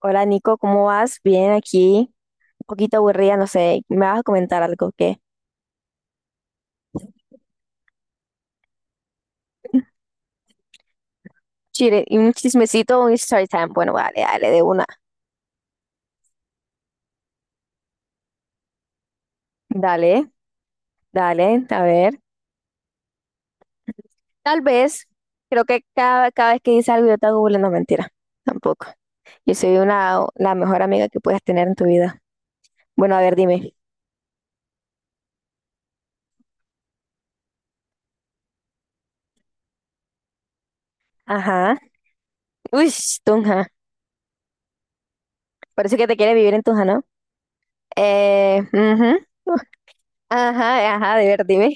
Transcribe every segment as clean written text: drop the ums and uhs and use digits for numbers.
Hola Nico, ¿cómo vas? Bien, aquí un poquito aburrida, no sé, me vas a comentar algo que... Chile, y un chismecito, un story time. Bueno, vale, dale, de una. Dale, dale, a ver. Tal vez, creo que cada vez que dices algo yo te hago burla, no mentira, tampoco. Yo soy una, la mejor amiga que puedas tener en tu vida. Bueno, a ver, dime. Ajá. Uy, Tunja. Parece que te quiere vivir en Tunja, ¿no? Ujú. Ajá, ajá, de ver, dime.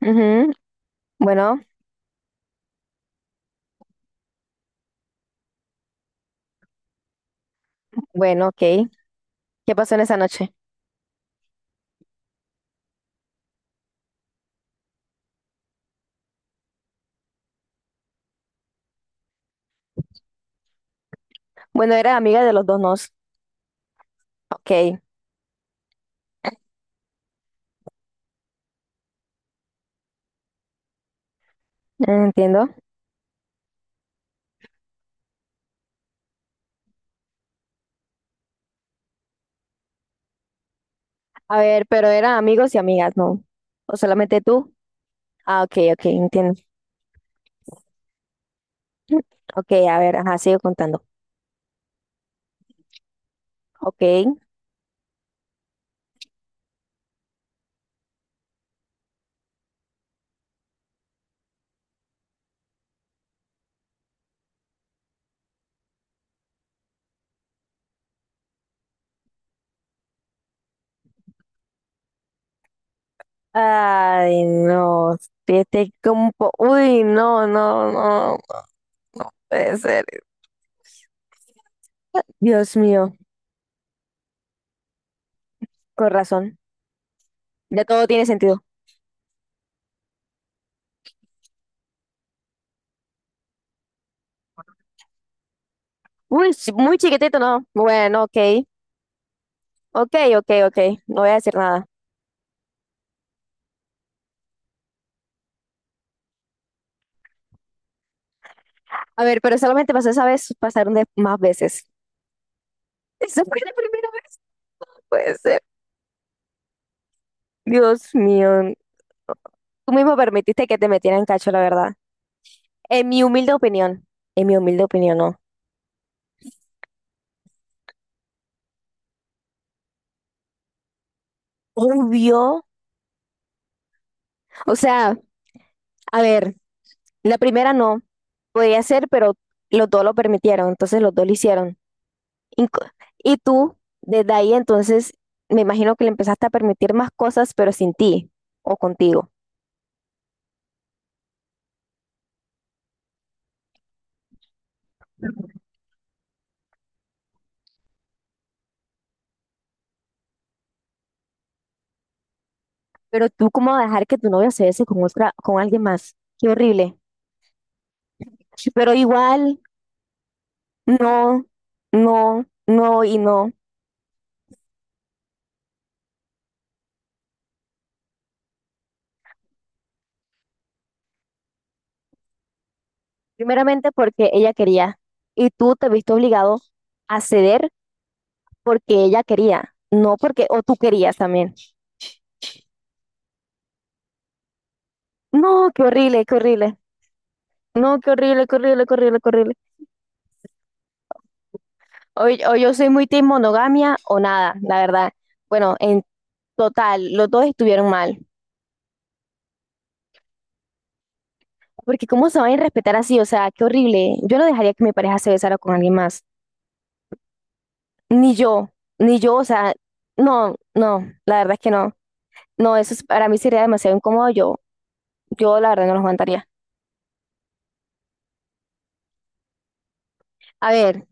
Ujú. Bueno, bueno, ok. ¿Qué pasó en esa noche? Bueno, era amiga de los dos nos. Ok, entiendo. A ver, pero eran amigos y amigas, ¿no? ¿O solamente tú? Ah, ok, ok, entiendo. Ok, a ver, ajá, sigo contando. Ok. Ay, no. Fíjate como... Uy, no, no, no, no no puede ser. Dios mío, con razón. Ya todo tiene sentido. Uy, sí, muy chiquitito, ¿no? Bueno, ok. Ok, ok, ok. No voy a decir nada. A ver, pero solamente pasó esa vez, pasaron de más veces. Esa fue la primera vez. Puede ser. Dios mío. Tú mismo permitiste que te metieran cacho, la verdad. En mi humilde opinión. En mi humilde opinión, no. Obvio. O sea, a ver, la primera no. Podía ser, pero los dos lo permitieron. Entonces los dos lo hicieron. Inco- Y tú, desde ahí, entonces, me imagino que le empezaste a permitir más cosas, pero sin ti o contigo. Pero tú, ¿cómo vas a dejar que tu novia se bese con otra, con alguien más? Qué horrible. Pero igual. No, no, no y no. Primeramente porque ella quería y tú te viste obligado a ceder porque ella quería, no porque, o tú querías también. No, qué horrible, qué horrible. No, qué horrible, qué horrible, qué horrible, qué horrible. O, o yo soy muy team monogamia o nada, la verdad. Bueno, en total, los dos estuvieron mal. Porque cómo se van a respetar así, o sea, qué horrible. Yo no dejaría que mi pareja se besara con alguien más. Ni yo, ni yo, o sea, no, no, la verdad es que no. No, para mí sería demasiado incómodo. Yo la verdad no lo aguantaría. A ver,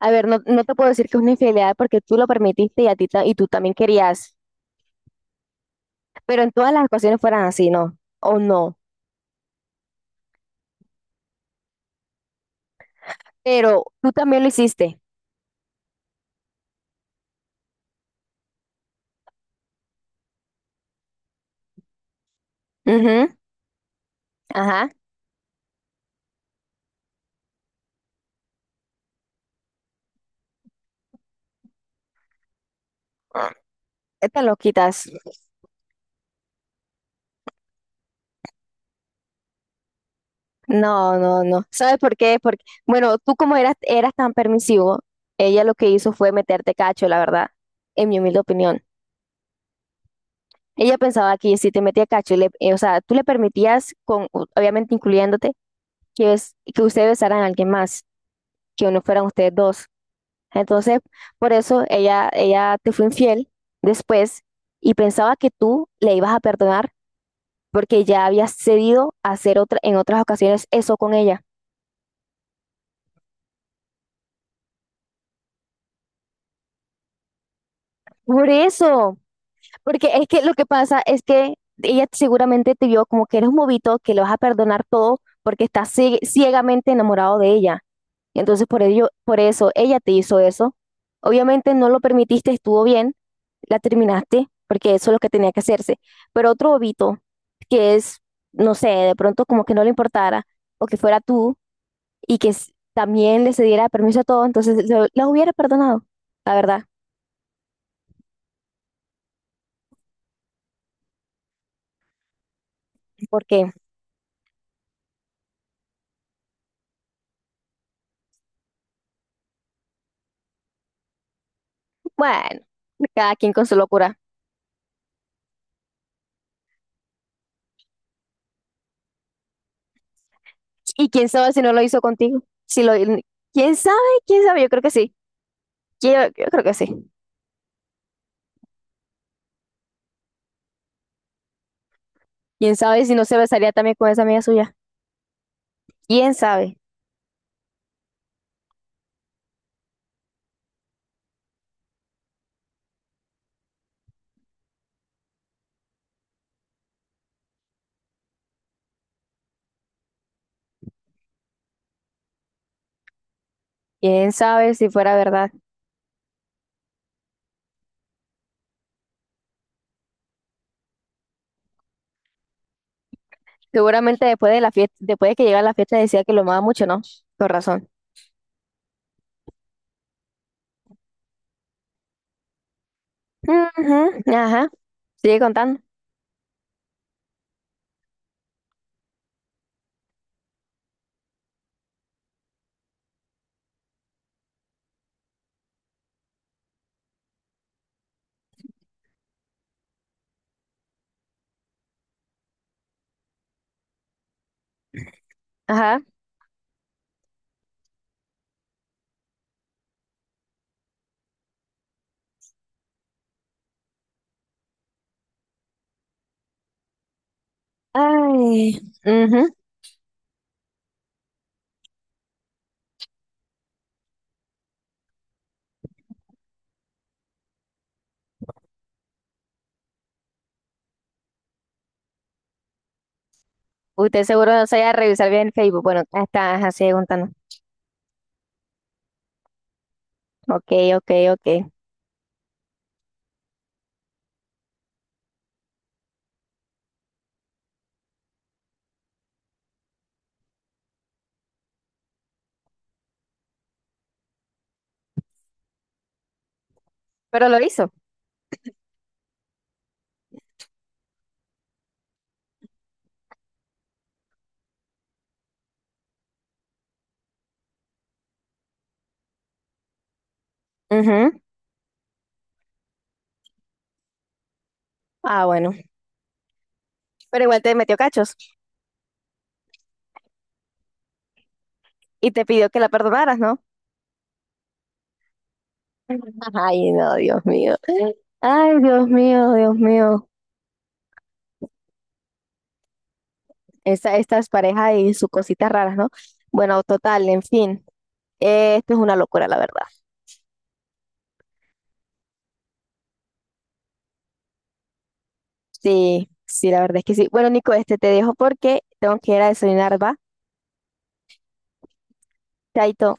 a ver, no, no te puedo decir que es una infidelidad porque tú lo permitiste y y tú también querías. Pero en todas las ocasiones fueran así, ¿no? O no. Pero tú también lo hiciste. Ujú, ajá. Te lo quitas. No, no, no. ¿Sabes por qué? Porque, bueno, tú como eras tan permisivo, ella lo que hizo fue meterte cacho, la verdad, en mi humilde opinión. Ella pensaba que si te metía cacho, o sea, tú le permitías, con, obviamente incluyéndote, que, que ustedes besaran a alguien más, que no fueran ustedes dos. Entonces, por eso ella te fue infiel después y pensaba que tú le ibas a perdonar porque ya habías cedido a hacer otra, en otras ocasiones eso con ella. Por eso, porque es que lo que pasa es que ella seguramente te vio como que eres un bobito, que le vas a perdonar todo porque estás ciegamente enamorado de ella. Entonces, por ello, por eso ella te hizo eso. Obviamente no lo permitiste, estuvo bien, la terminaste, porque eso es lo que tenía que hacerse. Pero otro bobito, que es, no sé, de pronto como que no le importara, o que fuera tú, y que también le cediera permiso a todo, entonces la hubiera perdonado, la verdad. Porque, bueno, cada quien con su locura. ¿Y quién sabe si no lo hizo contigo? Si lo, ¿quién sabe? ¿Quién sabe? Yo creo que sí. Yo, yo creo que sí. ¿Quién sabe si no se besaría también con esa amiga suya? ¿Quién sabe? ¿Quién sabe si fuera verdad? Seguramente después de la fiesta, después de que llegara la fiesta decía que lo amaba mucho, ¿no? Con razón. Ujú, ajá. Sigue contando. Ajá. Ay, ujú. Usted seguro no sabía revisar bien el Facebook. Bueno, ahí está, ajá, sigue contando. Ok, ok, ok. Pero lo hizo. Ujú. Ah, bueno. Pero igual te metió cachos y te pidió que la perdonaras, ¿no? Ay, no, Dios mío. Ay, Dios mío, Dios mío. Estas parejas y sus cositas raras, ¿no? Bueno, total, en fin. Esto es una locura, la verdad. Sí, sí, la verdad es que sí. Bueno, Nico, este te dejo porque tengo que ir a desayunar, ¿va? Chaito.